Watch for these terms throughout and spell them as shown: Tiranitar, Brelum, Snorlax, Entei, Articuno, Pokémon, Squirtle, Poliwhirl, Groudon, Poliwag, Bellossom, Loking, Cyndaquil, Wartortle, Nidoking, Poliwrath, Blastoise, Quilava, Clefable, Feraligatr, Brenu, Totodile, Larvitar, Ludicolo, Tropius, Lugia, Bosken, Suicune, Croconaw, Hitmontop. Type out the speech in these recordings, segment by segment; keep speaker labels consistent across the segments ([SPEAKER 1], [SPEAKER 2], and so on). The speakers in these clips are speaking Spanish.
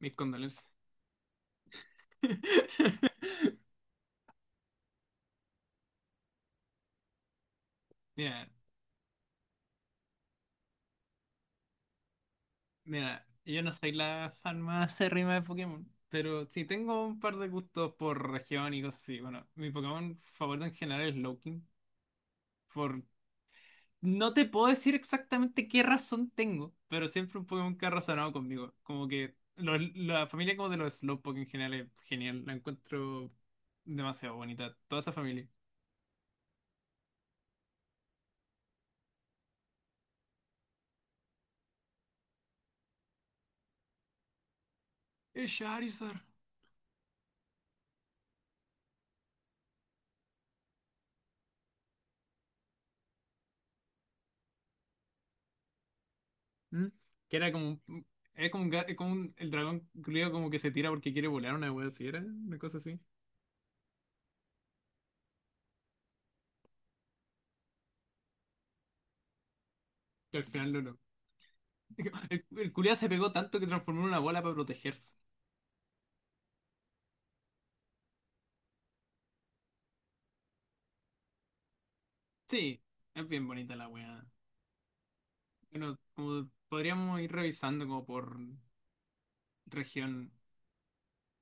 [SPEAKER 1] Mis condolencias. Mira, mira, yo no soy la fan más acérrima de Pokémon, pero sí tengo un par de gustos por región y cosas así. Bueno, mi Pokémon favorito en general es Loking. Por... No te puedo decir exactamente qué razón tengo, pero siempre un Pokémon que ha razonado conmigo. Como que la familia como de los Slowpoke en general es genial. La encuentro demasiado bonita, toda esa familia. Es Charizard. ¿Mm? Que era como un, es como un, ga- es como un- el dragón culiao como que se tira porque quiere volar una wea así, era una cosa así. Que al final no lo. El culiao se pegó tanto que transformó en una bola para protegerse. Sí, es bien bonita la wea. Bueno, como podríamos ir revisando como por región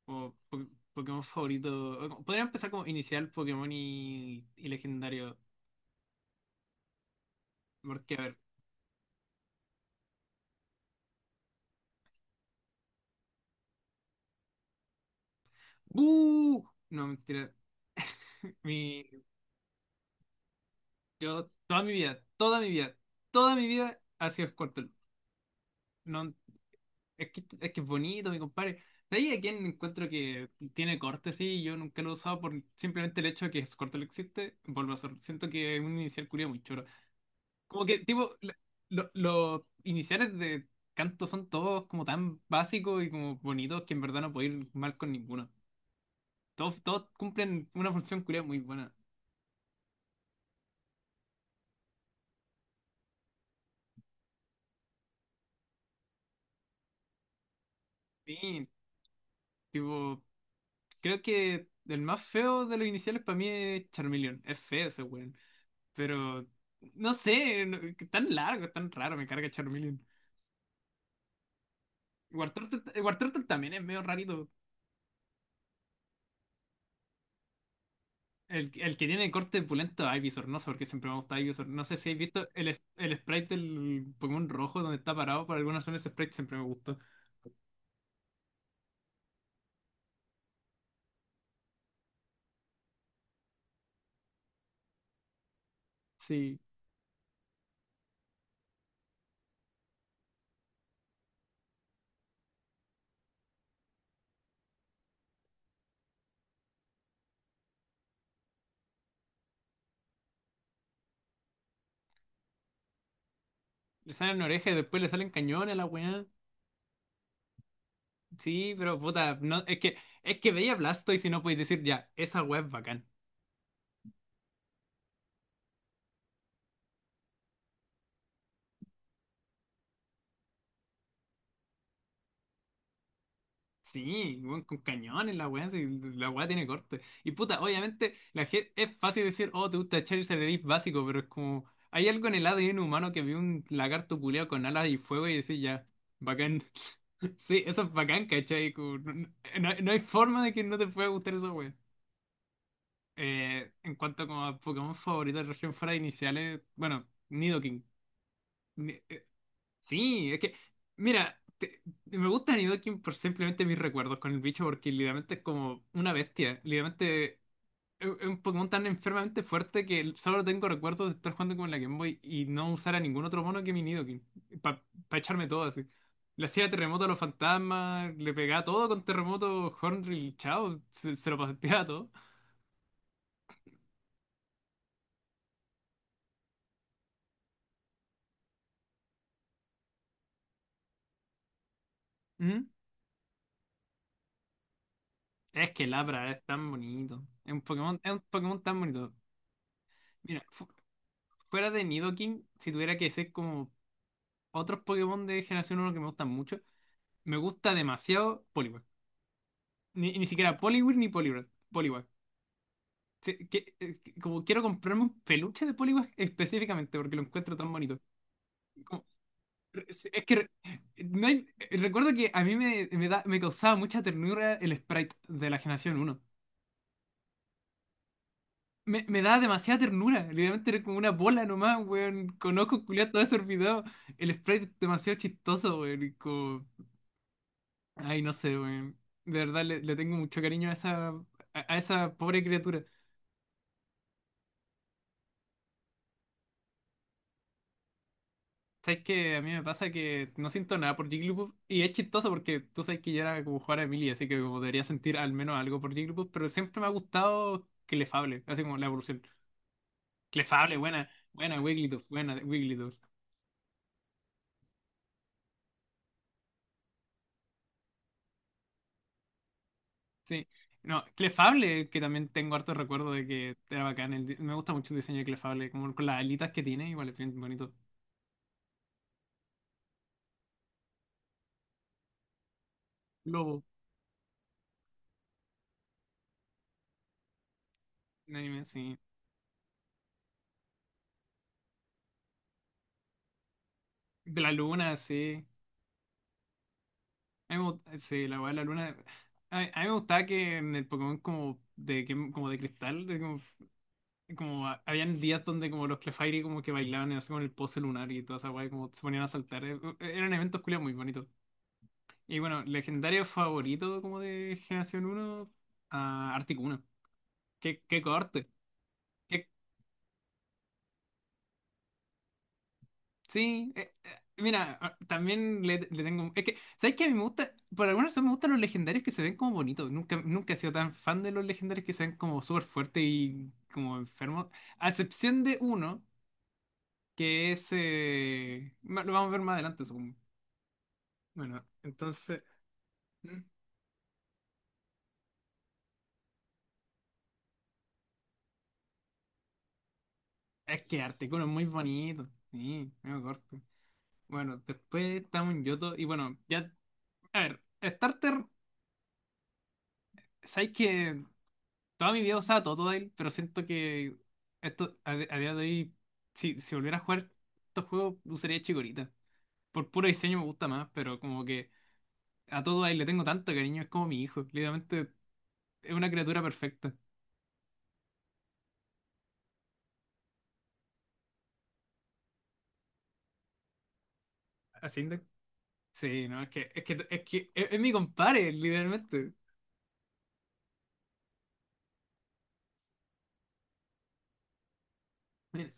[SPEAKER 1] o po- Pokémon favorito. Podría empezar como inicial Pokémon y legendario. Porque, a ver. ¡Uh! No, mentira. Mi, yo, toda mi vida, toda mi vida, toda mi vida ha sido Squirtle. No, es que es bonito, mi compadre. De ahí a quien encuentro que tiene corte, sí, yo nunca lo he usado por simplemente el hecho de que su corte lo existe, vuelvo a hacer. Siento que es un inicial culiao muy choro. Como que, tipo, los iniciales de canto son todos como tan básicos y como bonitos que en verdad no puedo ir mal con ninguno. Todos, todos cumplen una función culiao muy buena. Sí, tipo, creo que el más feo de los iniciales para mí es Charmeleon. Es feo ese weón. Pero no sé, tan largo, tan raro, me carga Charmeleon. Wartortle también es medio rarito. El que tiene corte pulento es Ivysaur, no sé por qué siempre me gusta Ivysaur. No sé si habéis visto el sprite del Pokémon rojo donde está parado, por alguna razón ese sprite siempre me gustó. Sí, le salen orejas y después le salen cañones a la weá. Sí, pero puta, no, es que veía Blastoise y no podéis decir ya, esa weá es bacán. Sí, weón, con cañones la weá, sí, la weá tiene corte. Y puta, obviamente, la gente es fácil decir, oh, te gusta Charizard, eres básico, pero es como, hay algo en el ADN humano que vio un lagarto culeado con alas y fuego y decís, ya, bacán. Sí, eso es bacán, ¿cachai? Como, no, no hay forma de que no te pueda gustar esa weá. En cuanto como a Pokémon favorito de región fuera de iniciales, bueno, Nidoking. Sí, es que, mira, me gusta Nidoking por simplemente mis recuerdos con el bicho, porque literalmente es como una bestia. Literalmente es un Pokémon tan enfermamente fuerte que solo tengo recuerdos de estar jugando con la Game Boy y no usar a ningún otro mono que mi Nidoking, para echarme todo así. Le hacía terremoto a los fantasmas, le pegaba todo con terremoto, Hornrill, chao, se lo paseaba todo. ¿Mm? Es que Labra es tan bonito. Es un Pokémon tan bonito. Mira, fuera de Nidoking, si tuviera que ser como otros Pokémon de generación 1 que me gustan mucho. Me gusta demasiado Poliwag. Ni siquiera Poliwhirl ni Poliwrath. Poliwag. Como quiero comprarme un peluche de Poliwag específicamente porque lo encuentro tan bonito. Como- es que re- no hay- recuerdo que a mí me causaba mucha ternura el sprite de la generación 1. Me daba demasiada ternura. Literalmente era como una bola nomás, weón. Con ojos culiados todo desorbitado. El sprite es demasiado chistoso, weón. Ay, no sé, weón. De verdad le, le tengo mucho cariño a a esa pobre criatura. Sabes que a mí me pasa que no siento nada por Jigglypuff. Y es chistoso porque tú sabes que yo era como jugar a Emily, así que como debería sentir al menos algo por Jigglypuff. Pero siempre me ha gustado Clefable, así como la evolución. Clefable, buena, buena Wigglytuff, buena Wigglytuff. Sí. No, Clefable, que también tengo harto recuerdo de que era bacán. Me gusta mucho el diseño de Clefable, como con las alitas que tiene, igual es bien bonito. Lobo, un anime, sí. De la luna, sí. A mí me gusta- sí, la weá de la luna. A mí me gustaba que en el Pokémon como como de cristal, de como, habían días donde como los Clefairy como que bailaban así con el pose lunar y toda esa weá, y como se ponían a saltar. Eran eventos culiados muy bonitos. Y bueno, legendario favorito como de Generación 1 a Articuno. Qué, qué corte. Sí, mira, ah, también le tengo... Es que, ¿sabes qué? A mí me gusta, por alguna razón me gustan los legendarios que se ven como bonitos. Nunca, nunca he sido tan fan de los legendarios que se ven como súper fuertes y como enfermos. A excepción de uno, que es... lo vamos a ver más adelante, supongo. Bueno, entonces... mm, Es que Articuno es muy bonito. Sí, me corto. Bueno, después estamos en Yoto y bueno, ya... A ver, Starter, ¿sabes qué? Toda mi vida usaba Totodile, pero siento que esto a día de hoy, si volviera a jugar estos juegos, usaría Chikorita. Por puro diseño me gusta más, pero como que a Totodile le tengo tanto cariño, es como mi hijo. Literalmente es una criatura perfecta. ¿Así? Index? Sí, no, es mi compadre, literalmente. Mira,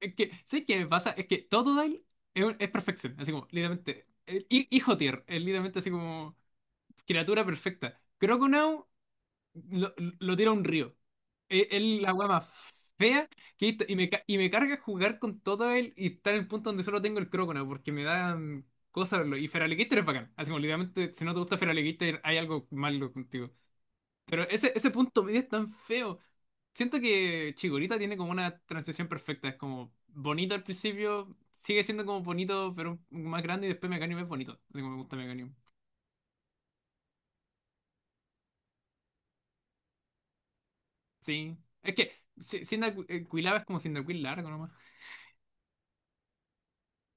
[SPEAKER 1] Es que, ¿sabes qué me pasa? Es que Totodile es, es perfección, así como, literalmente. Hijo tier, es literalmente así como criatura perfecta. Croconaw lo, lo tira a un río. Es la weá más fea que he visto, Y me carga jugar con todo él y estar en el punto donde solo tengo el Croconaw porque me dan cosas. Verlo. Y Feraligatr es bacán. Así como literalmente, si no te gusta Feraligatr, hay algo malo contigo. Pero ese punto medio es tan feo. Siento que Chikorita tiene como una transición perfecta. Es como bonito al principio, sigue siendo como bonito, pero más grande. Y después Meganium es bonito. Así como me gusta Meganium. Sí. Es que Quilava es como Cyndaquil largo.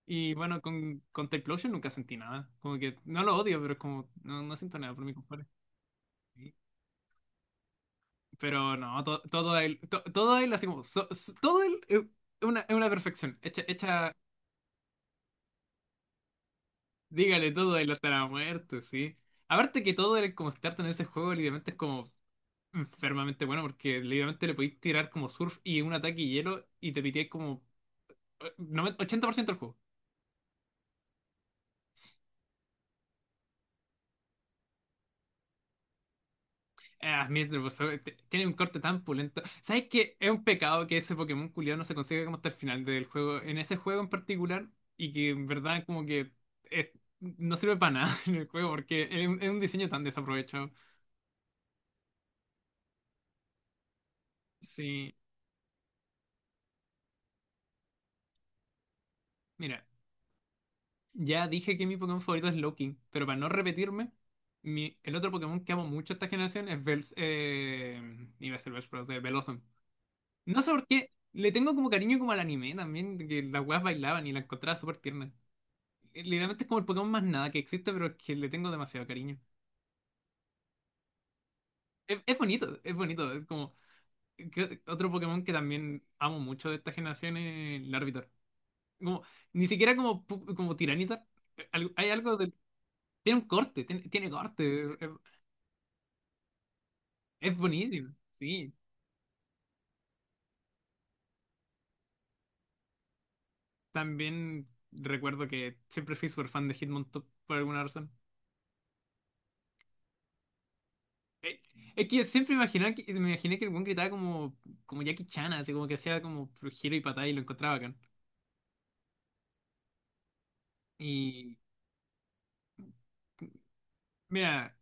[SPEAKER 1] Y bueno, con Type Lotion nunca sentí nada. Como que no lo odio, pero es como, no, no siento nada por mi compadre. Sí. Pero no, todo él, todo él, así como, todo él es una perfección. Hecha, hecha, dígale todo él hasta la muerte, sí. Aparte que todo él, como estar en ese juego, literalmente es como enfermamente bueno, porque literalmente le podéis tirar como surf y un ataque y hielo y te piteáis como 80% del juego. Ah, Mr. tiene un corte tan pulento. ¿Sabes qué? Es un pecado que ese Pokémon culiao no se consiga como hasta el final del juego, en ese juego en particular, y que en verdad como que eh, no sirve para nada en el juego porque es un diseño tan desaprovechado. Sí, mira, ya dije que mi Pokémon favorito es Loking, pero para no repetirme, el otro Pokémon que amo mucho esta generación es iba a ser Bellsprout, de Bellossom. No sé por qué, le tengo como cariño como al anime también, que las weas bailaban y la encontraba súper tierna. Literalmente es como el Pokémon más nada que existe, pero es que le tengo demasiado cariño. Es bonito, es bonito. Es como otro Pokémon que también amo mucho de esta generación es el Larvitar. Como, ni siquiera como, como Tiranitar. Hay algo de... Tiene un corte, tiene corte. Es, es buenísimo. Sí. También recuerdo que siempre fui súper fan de Hitmontop por alguna razón. Eh, Es que yo siempre imaginaba que, me imaginé que el buen gritaba como, como Jackie Chan, así como que hacía como giro y patada y lo encontraba bacán. Y Mira,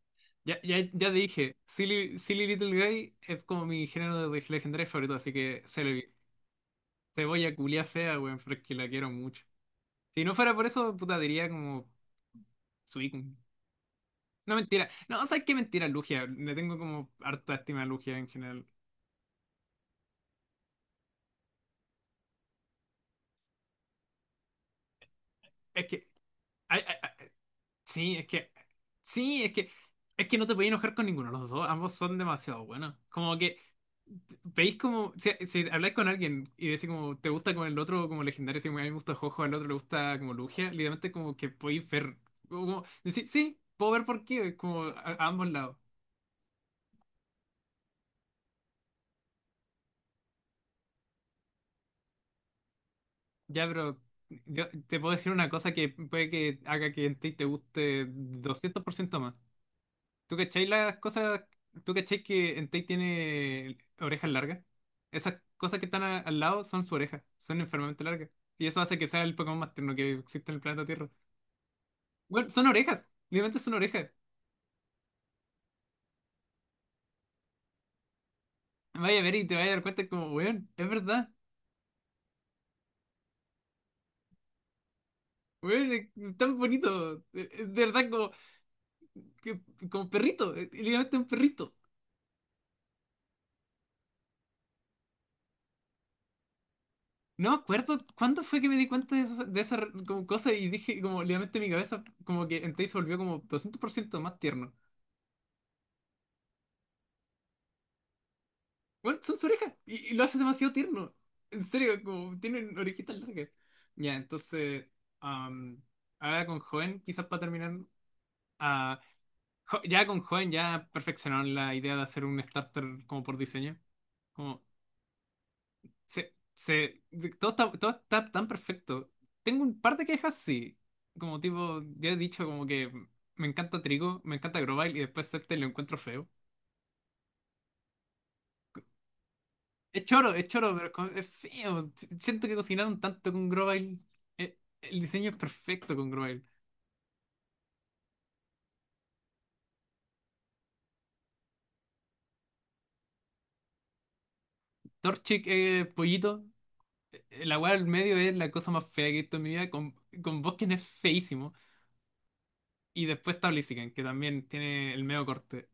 [SPEAKER 1] ya dije, Silly Little Guy es como mi género de legendario favorito, así que se lo vi. Te voy a culiar fea, weón, pero es que la quiero mucho. Si no fuera por eso, puta, diría como Suicune. No, mentira. No, ¿sabes qué? Mentira, Lugia. Le tengo como harta estima a Lugia en general. Es que hay, hay- Sí, es que. Sí, es que. Es que no te podías enojar con ninguno de los dos. Ambos son demasiado buenos. Como que. Veis como. Si, si habláis con alguien y decís como. Te gusta como el otro, como legendario. Si a mí me gusta Jojo, al otro le gusta como Lugia. Literalmente como que podéis ver. Como, decir, sí, puedo ver por qué. Como a ambos lados. Ya, pero. Yo te puedo decir una cosa que puede que haga que en ti te guste 200% más. ¿Tú cachai las cosas? ¿Tú cachai que Entei tiene orejas largas? Esas cosas que están al lado son su oreja, son enfermamente largas. Y eso hace que sea el Pokémon más tierno que existe en el planeta Tierra. Bueno, son orejas, literalmente son orejas. Vaya a ver y te vaya a dar cuenta como, weón, es verdad. Weón, es tan bonito. Es de verdad como, que- como perrito, es literalmente un perrito. No me acuerdo cuándo fue que me di cuenta de esa, como cosa y dije como literalmente en mi cabeza como que Entei se volvió como 200% más tierno. Bueno, son su oreja y lo hace demasiado tierno. En serio, como tienen orejitas largas. Ya, entonces, am, ahora con Joven, quizás para terminar, ah, ya con Joven ya perfeccionaron la idea de hacer un starter como por diseño. Como, todo está, tan perfecto. Tengo un par de quejas, sí. Como tipo, ya he dicho como que me encanta Trigo, me encanta Grovyle y después Scepter lo encuentro feo. Es choro, pero es feo. Siento que cocinaron tanto con Grovyle. Eh, El diseño es perfecto con Grovyle. Torchic es pollito. La weá del medio es la cosa más fea que he visto en mi vida. Con Bosken es feísimo. Y después está Blaziken, que también tiene el medio corte.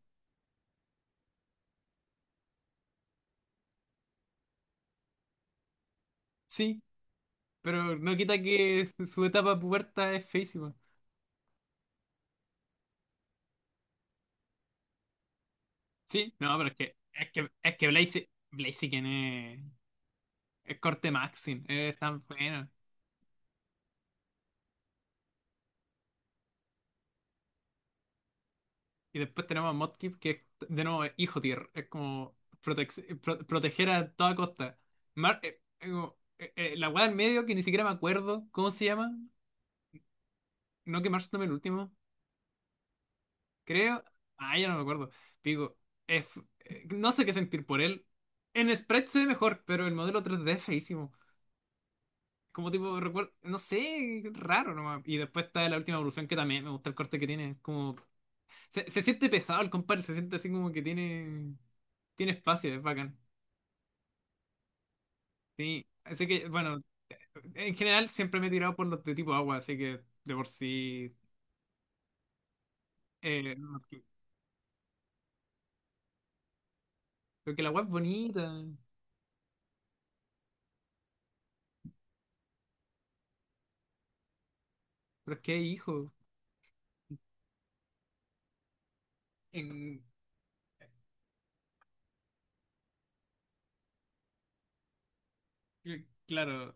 [SPEAKER 1] Sí, pero no quita que su etapa puberta es feísima. Sí, no, pero Blaziken es corte Maxim. Es tan bueno. Y después tenemos a Mudkip, que es de nuevo hijo tier. Es como proteger a toda costa. Como, la weá en medio, que ni siquiera me acuerdo cómo se llama. No que Marsh tome el último. Creo. Ah, ya no me acuerdo. Digo, es- no sé qué sentir por él. En Sprite se ve mejor, pero el modelo 3D es feísimo. Como tipo, recuerdo, no sé, raro nomás. Y después está la última evolución que también me gusta el corte que tiene. Es como, se siente pesado el compadre, se siente así como que tiene, espacio, es bacán. Sí, así que, bueno, en general siempre me he tirado por los de tipo agua, así que de por sí. No, porque el agua es bonita, pero es que hay hijos. En, claro,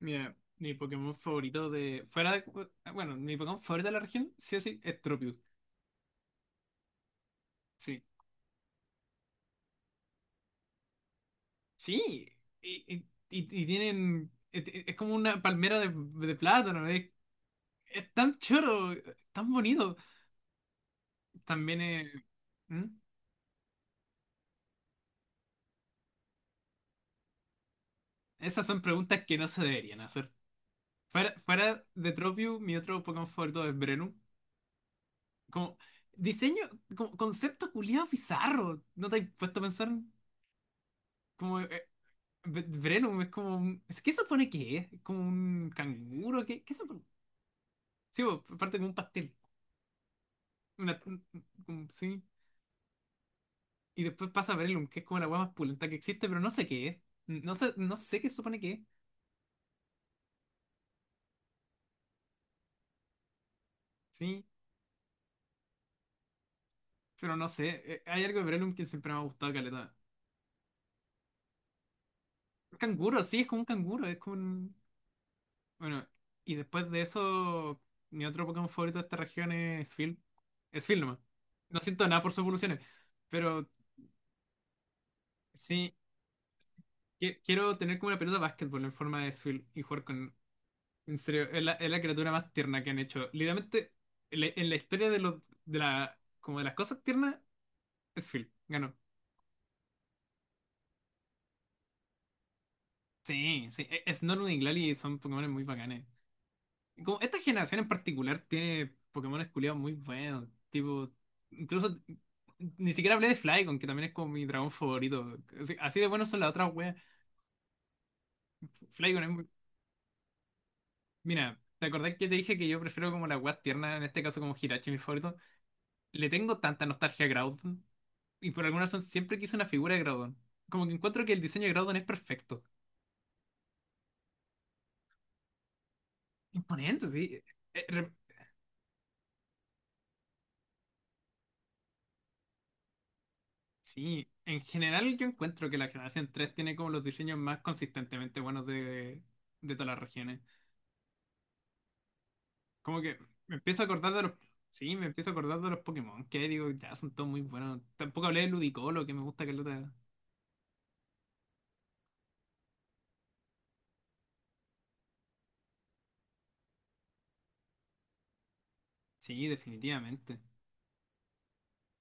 [SPEAKER 1] mira, mi Pokémon favorito de. Fuera de. Bueno, mi Pokémon favorito de la región, sí o sí, es Tropius. Sí. Sí. Y tienen. Es como una palmera de plátano, es tan choro, tan bonito. También. ¿Mm? Esas son preguntas que no se deberían hacer. Fuera de Tropiu, mi otro Pokémon favorito es Brenu. Como diseño, como concepto culiado bizarro. ¿No te has puesto a pensar? Como, Brenu es como ¿Qué se supone que es? ¿Es como un canguro? ¿Qué se supone? Sí, bo, parte como un pastel. Una, un- sí. Y después pasa Brelum, que es como la hueá más pulenta que existe, pero no sé qué es. No sé qué se supone que es. Sí, pero no sé. Hay algo de Brelum que siempre me ha gustado, caleta. Canguro, sí, es como un canguro, Bueno, y después de eso, mi otro Pokémon favorito de esta región es Phil. Es Phil nomás. No siento nada por sus evoluciones, pero sí, quiero tener como una pelota de básquetbol en forma de Phil y jugar con... En serio, es la criatura más tierna que han hecho. Literalmente, en la historia de los, de la, como de las cosas tiernas, es Phil. Ganó. Sí, sí. Snorlax y Glalie son Pokémones muy bacanes. Como esta generación en particular tiene Pokémon culiados muy buenos. Tipo, incluso ni siquiera hablé de Flygon, que también es como mi dragón favorito. Así, así de buenos son las otras weas. Flygon es muy- Mira, ¿te acordás que te dije que yo prefiero como las weas tiernas, en este caso como Hirachi, mi favorito? Le tengo tanta nostalgia a Groudon. Y por alguna razón siempre quise una figura de Groudon. Como que encuentro que el diseño de Groudon es perfecto. Imponente, sí. Eh, eh, sí, en general yo encuentro que la generación 3 tiene como los diseños más consistentemente buenos de todas las regiones. Como que me empiezo a acordar de los... Sí, me empiezo a acordar de los Pokémon, que digo, ya son todos muy buenos. Tampoco hablé de Ludicolo, que me gusta que lo... Sí, definitivamente.